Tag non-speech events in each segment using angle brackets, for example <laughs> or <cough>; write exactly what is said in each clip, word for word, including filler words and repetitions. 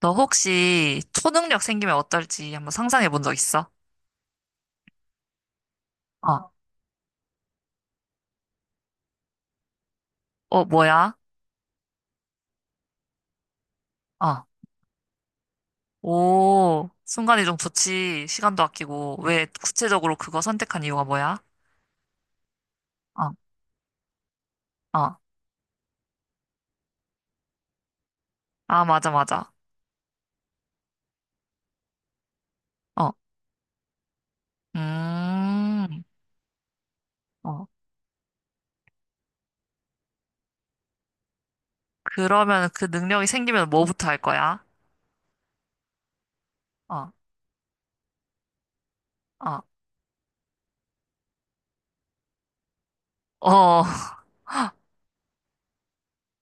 너 혹시 초능력 생기면 어떨지 한번 상상해 본 적 있어? 어. 어, 뭐야? 어. 오, 순간이 동 좋지. 시간도 아끼고. 왜 구체적으로 그거 선택한 이유가 뭐야? 어, 어. 아, 맞아, 맞아. 어. 음. 어. 그러면 그 능력이 생기면 뭐부터 할 거야? 어, 어. 어. <laughs>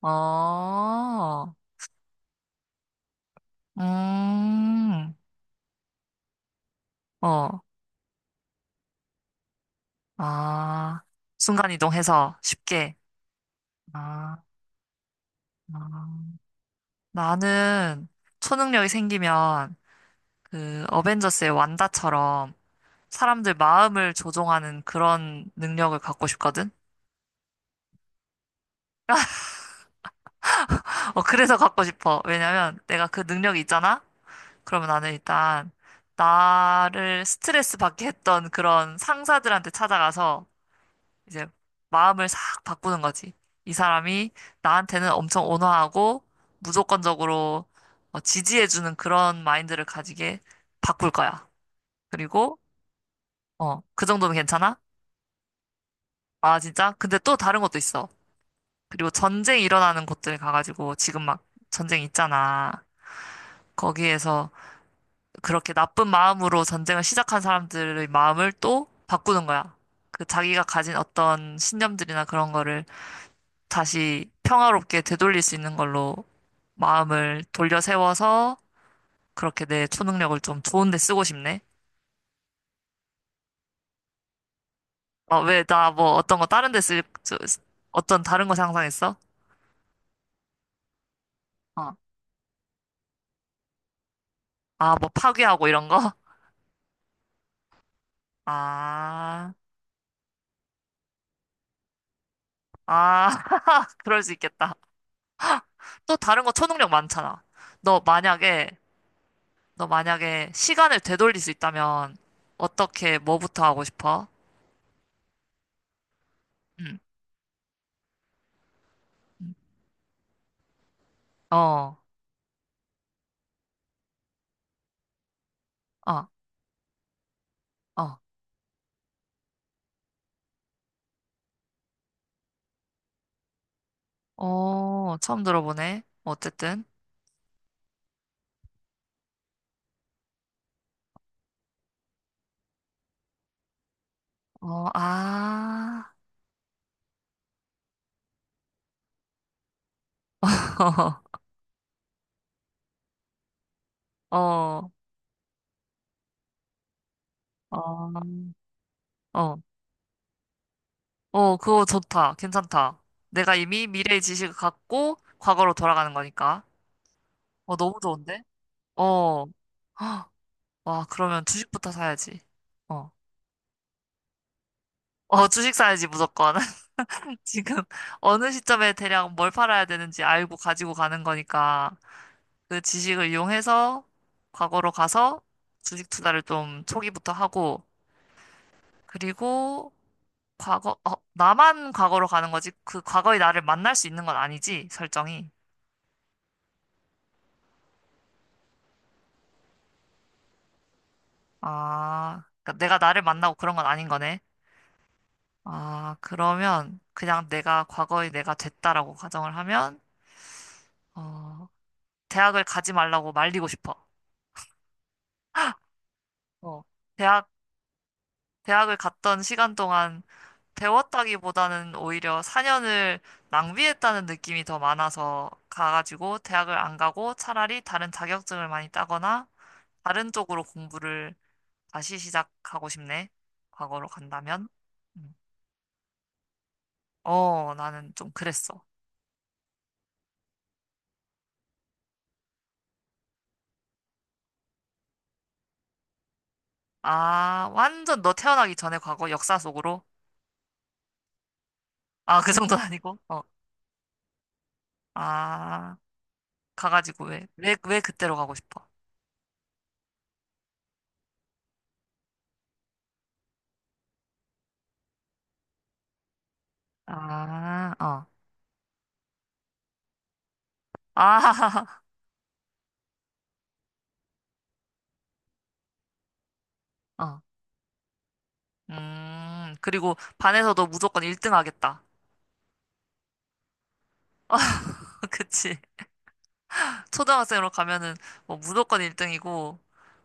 어. 음. 어. 아. 순간이동해서 쉽게. 아. 아. 나는 초능력이 생기면 그 어벤져스의 완다처럼 사람들 마음을 조종하는 그런 능력을 갖고 싶거든? 어, 그래서 갖고 싶어. 왜냐면 내가 그 능력이 있잖아? 그러면 나는 일단 나를 스트레스 받게 했던 그런 상사들한테 찾아가서 이제 마음을 싹 바꾸는 거지. 이 사람이 나한테는 엄청 온화하고 무조건적으로 어, 지지해주는 그런 마인드를 가지게 바꿀 거야. 그리고 어, 그 정도는 괜찮아? 아, 진짜? 근데 또 다른 것도 있어. 그리고 전쟁 일어나는 곳들 가가지고 지금 막 전쟁 있잖아. 거기에서 그렇게 나쁜 마음으로 전쟁을 시작한 사람들의 마음을 또 바꾸는 거야. 그 자기가 가진 어떤 신념들이나 그런 거를 다시 평화롭게 되돌릴 수 있는 걸로 마음을 돌려 세워서 그렇게 내 초능력을 좀 좋은 데 쓰고 싶네. 어, 왜 나 뭐 어떤 거 다른 데 쓸, 저- 어떤 다른 거 상상했어? 어. 아, 뭐 파괴하고 이런 거? 아, 아, <laughs> 그럴 수 있겠다. 또 다른 거 초능력 많잖아. 너 만약에, 너 만약에 시간을 되돌릴 수 있다면 어떻게, 뭐부터 하고 싶어? 응, 응. 어, 어, 어, 어, 처음 들어보네. 어쨌든, 어, 아, <laughs> 어, 어, 어, 어, 그거 좋다. 괜찮다. 내가 이미 미래의 지식을 갖고 과거로 돌아가는 거니까. 어, 너무 좋은데? 어. 와, 그러면 주식부터 사야지. 어. 어, 주식 사야지, 무조건. <laughs> 지금 어느 시점에 대략 뭘 팔아야 되는지 알고 가지고 가는 거니까 그 지식을 이용해서 과거로 가서 주식 투자를 좀 초기부터 하고 그리고 과거, 어, 나만 과거로 가는 거지. 그 과거의 나를 만날 수 있는 건 아니지, 설정이. 아, 그러니까 내가 나를 만나고 그런 건 아닌 거네. 아, 그러면 그냥 내가 과거의 내가 됐다라고 가정을 하면 어, 대학을 가지 말라고 말리고 싶어. 어, 대학, 대학을 갔던 시간 동안 배웠다기보다는 오히려 사 년을 낭비했다는 느낌이 더 많아서 가가지고 대학을 안 가고 차라리 다른 자격증을 많이 따거나 다른 쪽으로 공부를 다시 시작하고 싶네. 과거로 간다면. 음. 어, 나는 좀 그랬어. 아, 완전 너 태어나기 전에 과거 역사 속으로? 아, 그 정도는 아니고? 어. 아, 가가지고 왜, 왜, 왜 그때로 가고 싶어? 아, 어. 아, <laughs> 어. 음, 그리고 반에서도 무조건 일 등 하겠다. <laughs> 그치. 초등학생으로 가면은 뭐 무조건 일 등이고,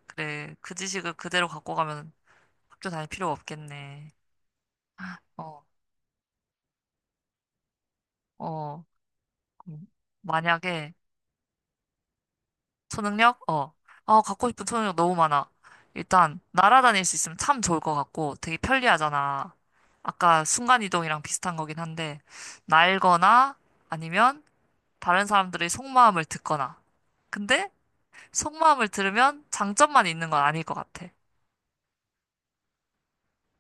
그래. 그 지식을 그대로 갖고 가면 학교 다닐 필요 없겠네. 어, 어. 음, 만약에 초능력? 어. 어, 갖고 싶은 초능력 너무 많아. 일단, 날아다닐 수 있으면 참 좋을 것 같고, 되게 편리하잖아. 아까 순간이동이랑 비슷한 거긴 한데, 날거나 아니면 다른 사람들의 속마음을 듣거나. 근데 속마음을 들으면 장점만 있는 건 아닐 것 같아.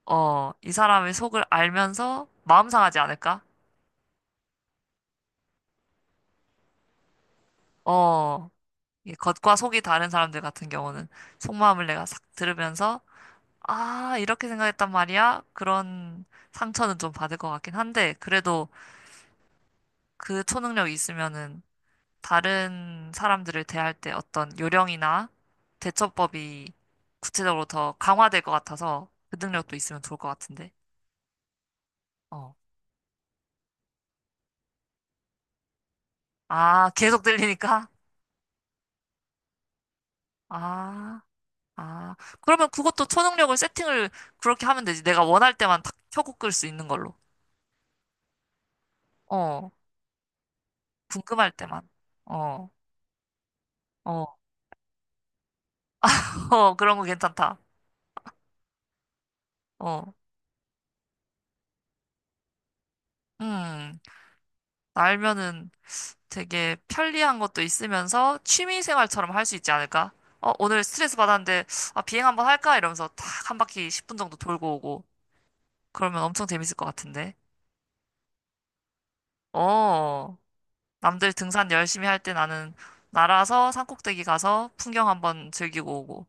어, 이 사람의 속을 알면서 마음 상하지 않을까? 어, 이 겉과 속이 다른 사람들 같은 경우는 속마음을 내가 싹 들으면서 아, 이렇게 생각했단 말이야? 그런 상처는 좀 받을 것 같긴 한데, 그래도 그 초능력이 있으면은 다른 사람들을 대할 때 어떤 요령이나 대처법이 구체적으로 더 강화될 것 같아서 그 능력도 있으면 좋을 것 같은데. 어. 아, 계속 들리니까? 아, 아. 그러면 그것도 초능력을 세팅을 그렇게 하면 되지. 내가 원할 때만 탁 켜고 끌 수 있는 걸로. 어. 궁금할 때만. 어. 어. <laughs> 어, 그런 거 괜찮다. 어. 음. 알면은 되게 편리한 것도 있으면서 취미 생활처럼 할 수 있지 않을까? 어, 오늘 스트레스 받았는데, 아, 비행 한번 할까? 이러면서 탁 한 바퀴 십 분 정도 돌고 오고. 그러면 엄청 재밌을 것 같은데. 어, 남들 등산 열심히 할 때 나는 날아서 산꼭대기 가서 풍경 한번 즐기고 오고.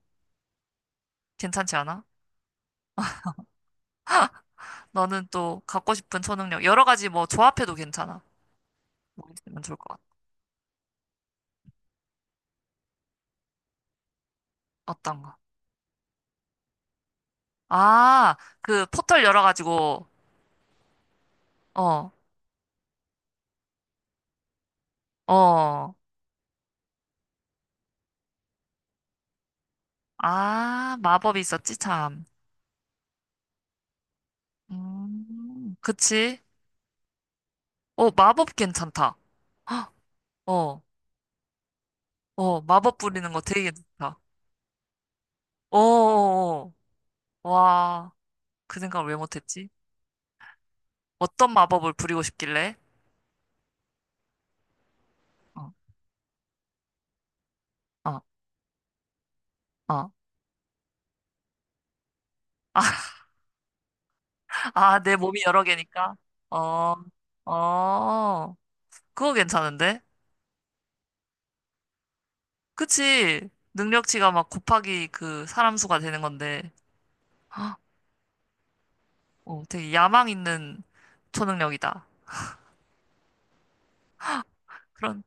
괜찮지 않아? 너는 또 갖고 싶은 초능력, 여러 가지 뭐 조합해도 괜찮아. 뭐 있으면 좋을 것 같아. 어떤가? 아, 그 포털 열어가지고, 어, 어. 아, 마법이 있었지, 참. 음, 그치? 어, 마법 괜찮다. 헉, 어, 어, 마법 부리는 거 되게 괜찮다. 어, 어, 어. 와, 그 생각을 왜 못했지? 어떤 마법을 부리고 싶길래? 어, 어, 어. <laughs> 아, 내 몸이 여러 개니까? 어, 어, 그거 괜찮은데? 그치? 능력치가 막 곱하기 그 사람 수가 되는 건데, <gasps> 헉, 어, 되게 야망 있는 초능력이다. 그런,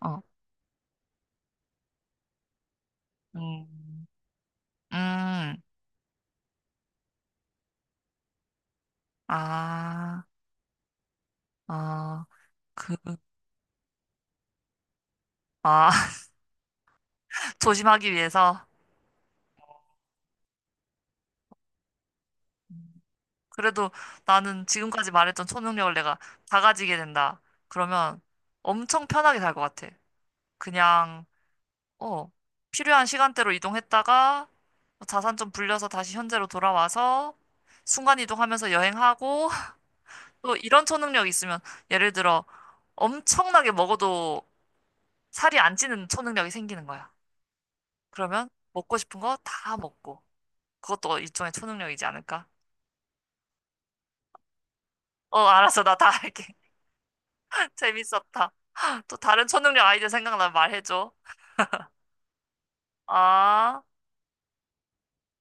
어, 음, 음, 아. 아, 그, 아, <laughs> 조심하기 위해서. 그래도 나는 지금까지 말했던 초능력을 내가 다 가지게 된다. 그러면 엄청 편하게 살 것 같아. 그냥, 어, 필요한 시간대로 이동했다가 자산 좀 불려서 다시 현재로 돌아와서 순간 이동하면서 여행하고 <laughs> 또 이런 초능력이 있으면 예를 들어 엄청나게 먹어도 살이 안 찌는 초능력이 생기는 거야. 그러면 먹고 싶은 거 다 먹고 그것도 일종의 초능력이지 않을까? 어, 알았어. 나 다 할게. <laughs> 재밌었다. 또 다른 초능력 아이디어 생각나면 말해줘. 아.